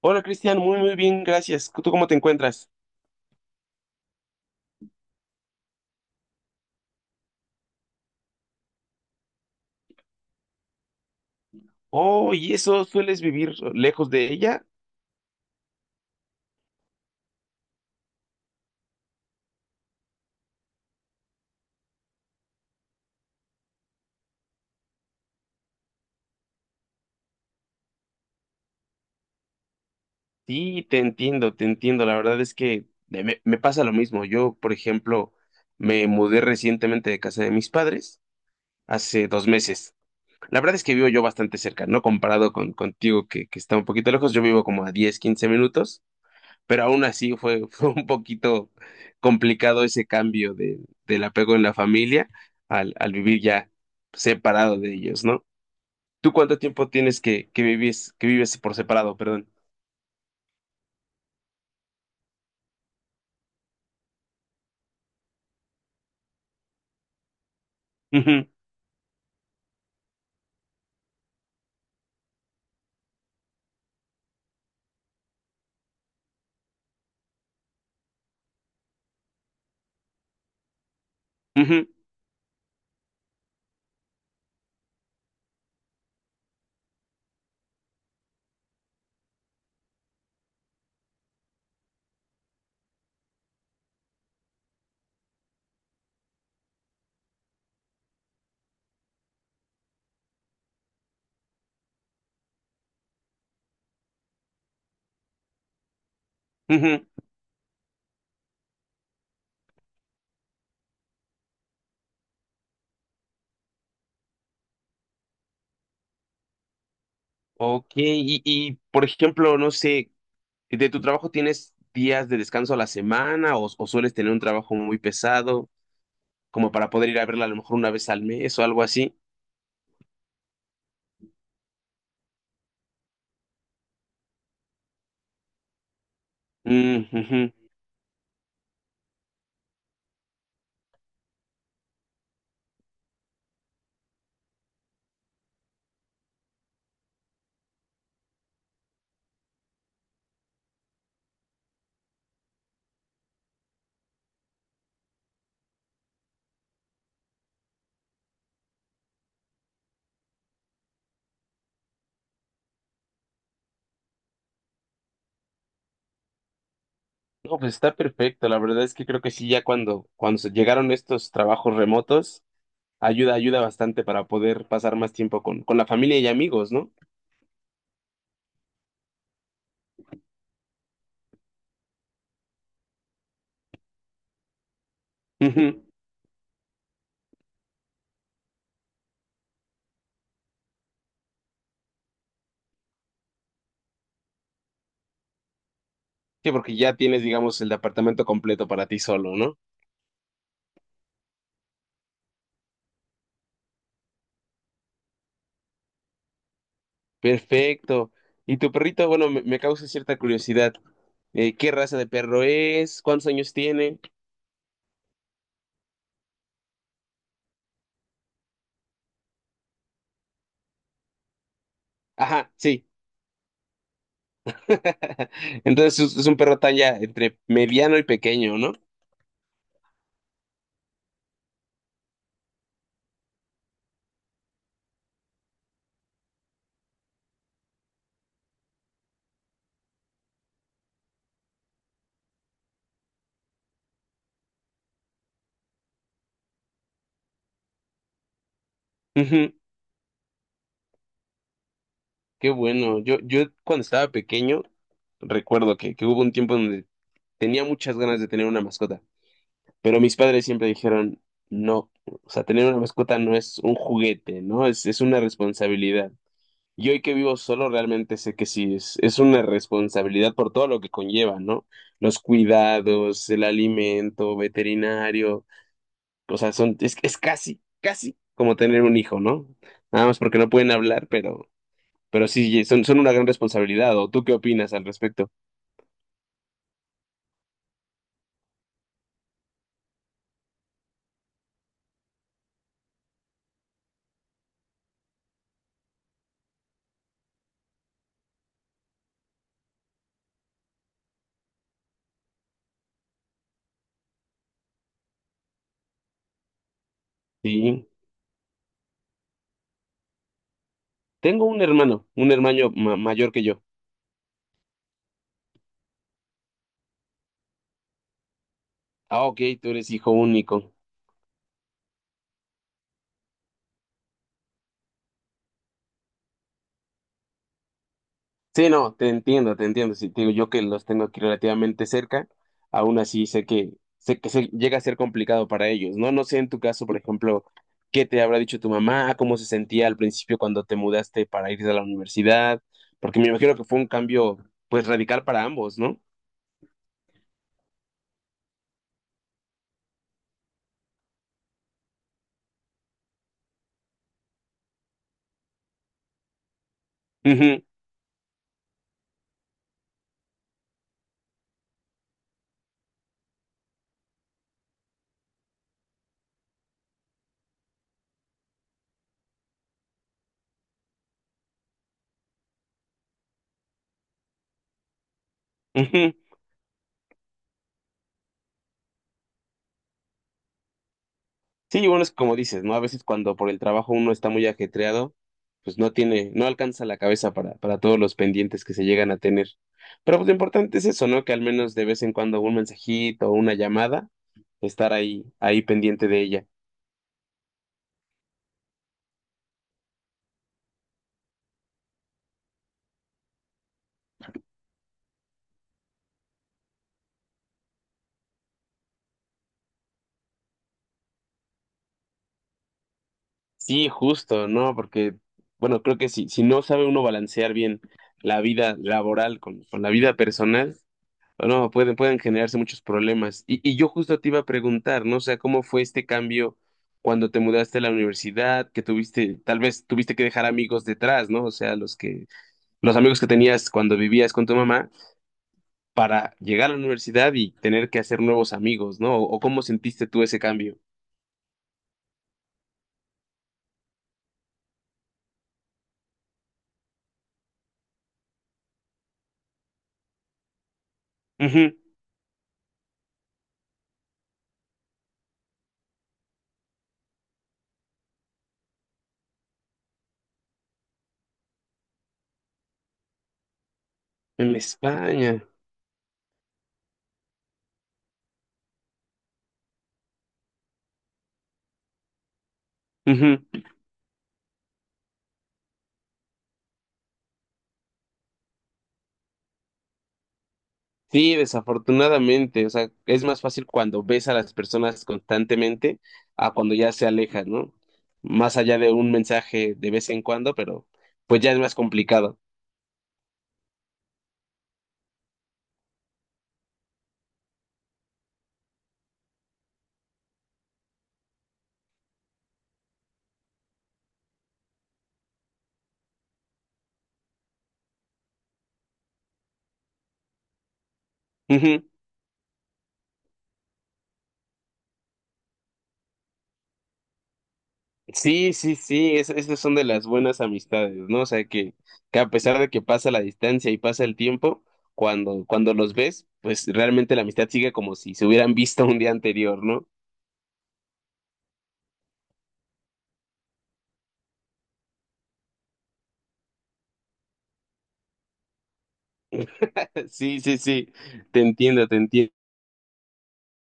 Hola Cristian, muy muy bien, gracias. ¿Tú cómo te encuentras? Oh, ¿y eso sueles vivir lejos de ella? Sí, te entiendo, te entiendo. La verdad es que me pasa lo mismo. Yo, por ejemplo, me mudé recientemente de casa de mis padres hace 2 meses. La verdad es que vivo yo bastante cerca, ¿no? Comparado contigo que está un poquito lejos, yo vivo como a 10 15 minutos, pero aún así fue, fue un poquito complicado ese cambio de, del apego en la familia al vivir ya separado de ellos, ¿no? ¿Tú cuánto tiempo tienes que vives por separado, perdón? Ujú, ujú, ujú. Ok, y por ejemplo, no sé, ¿de tu trabajo tienes días de descanso a la semana o sueles tener un trabajo muy pesado como para poder ir a verla a lo mejor una vez al mes o algo así? Mm, ujú. No, pues está perfecto. La verdad es que creo que sí, ya cuando se llegaron estos trabajos remotos, ayuda bastante para poder pasar más tiempo con la familia y amigos, ¿no? Ujú. Sí, porque ya tienes, digamos, el departamento completo para ti solo, ¿no? Perfecto. Y tu perrito, bueno, me causa cierta curiosidad. ¿Qué raza de perro es? ¿Cuántos años tiene? Ajá, sí. Entonces es un perro tan ya entre mediano y pequeño, ¿no? Ujú, qué bueno. Yo cuando estaba pequeño, recuerdo que hubo un tiempo donde tenía muchas ganas de tener una mascota, pero mis padres siempre dijeron, no, o sea, tener una mascota no es un juguete, ¿no? Es una responsabilidad. Y hoy que vivo solo, realmente sé que sí, es una responsabilidad por todo lo que conlleva, ¿no? Los cuidados, el alimento, veterinario. O sea, es casi, casi como tener un hijo, ¿no? Nada más porque no pueden hablar, pero sí, son una gran responsabilidad. ¿O tú qué opinas al respecto? Sí, tengo un hermano mayor que yo. Ah, ok, tú eres hijo único. Sí, no, te entiendo, te entiendo. Sí, te digo yo que los tengo aquí relativamente cerca, aún así sé que se llega a ser complicado para ellos, ¿no? No sé en tu caso, por ejemplo, qué te habrá dicho tu mamá, cómo se sentía al principio cuando te mudaste para ir a la universidad, porque me imagino que fue un cambio pues radical para ambos, ¿no? Ujú, ujú. Sí, y bueno, es como dices, ¿no? A veces cuando por el trabajo uno está muy ajetreado, pues no tiene, no alcanza la cabeza para todos los pendientes que se llegan a tener. Pero pues lo importante es eso, ¿no? Que al menos de vez en cuando un mensajito o una llamada, estar ahí pendiente de ella. Sí, justo, ¿no? Porque, bueno, creo que si no sabe uno balancear bien la vida laboral con la vida personal, o no, pueden generarse muchos problemas. Y yo justo te iba a preguntar, ¿no? O sea, ¿cómo fue este cambio cuando te mudaste a la universidad? Que tuviste, tal vez tuviste que dejar amigos detrás, ¿no? O sea, los amigos que tenías cuando vivías con tu mamá para llegar a la universidad y tener que hacer nuevos amigos, ¿no? ¿O cómo sentiste tú ese cambio? Ujú. En España. Ujú. Sí, desafortunadamente, o sea, es más fácil cuando ves a las personas constantemente a cuando ya se alejan, ¿no? Más allá de un mensaje de vez en cuando, pero pues ya es más complicado. Ujú. Sí, sí, sí, esas son de las buenas amistades, ¿no? O sea, que a pesar de que pasa la distancia y pasa el tiempo, cuando los ves, pues realmente la amistad sigue como si se hubieran visto un día anterior, ¿no? Sí, sí, sí, te entiendo, te entiendo.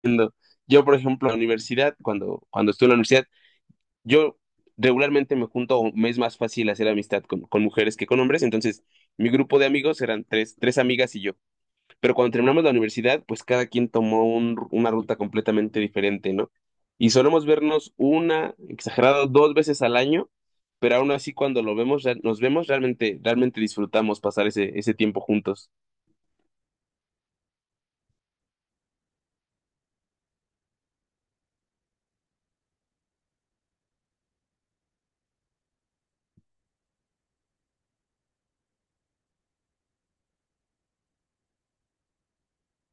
Haciendo. Yo, por ejemplo, en la universidad, cuando estuve en la universidad, yo regularmente me junto, o me es más fácil hacer amistad con mujeres que con hombres, entonces mi grupo de amigos eran tres amigas y yo. Pero cuando terminamos la universidad, pues cada quien tomó una ruta completamente diferente, ¿no? Y solemos vernos una, exagerado, dos veces al año, pero aún así cuando lo vemos, nos vemos, realmente disfrutamos pasar ese tiempo juntos.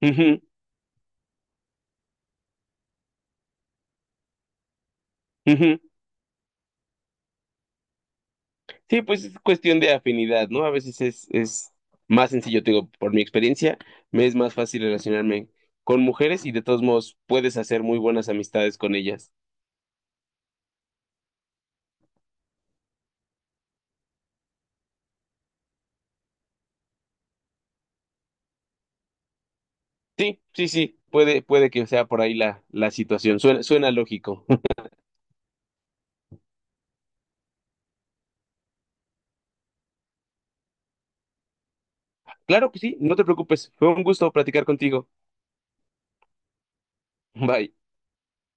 Ujú, ujú. Sí, pues es cuestión de afinidad, ¿no? A veces es más sencillo, te digo, por mi experiencia, me es más fácil relacionarme con mujeres y de todos modos puedes hacer muy buenas amistades con ellas. Sí, sí, sí, puede que sea por ahí la situación. Suena lógico. Claro que sí, no te preocupes. Fue un gusto platicar contigo. Bye.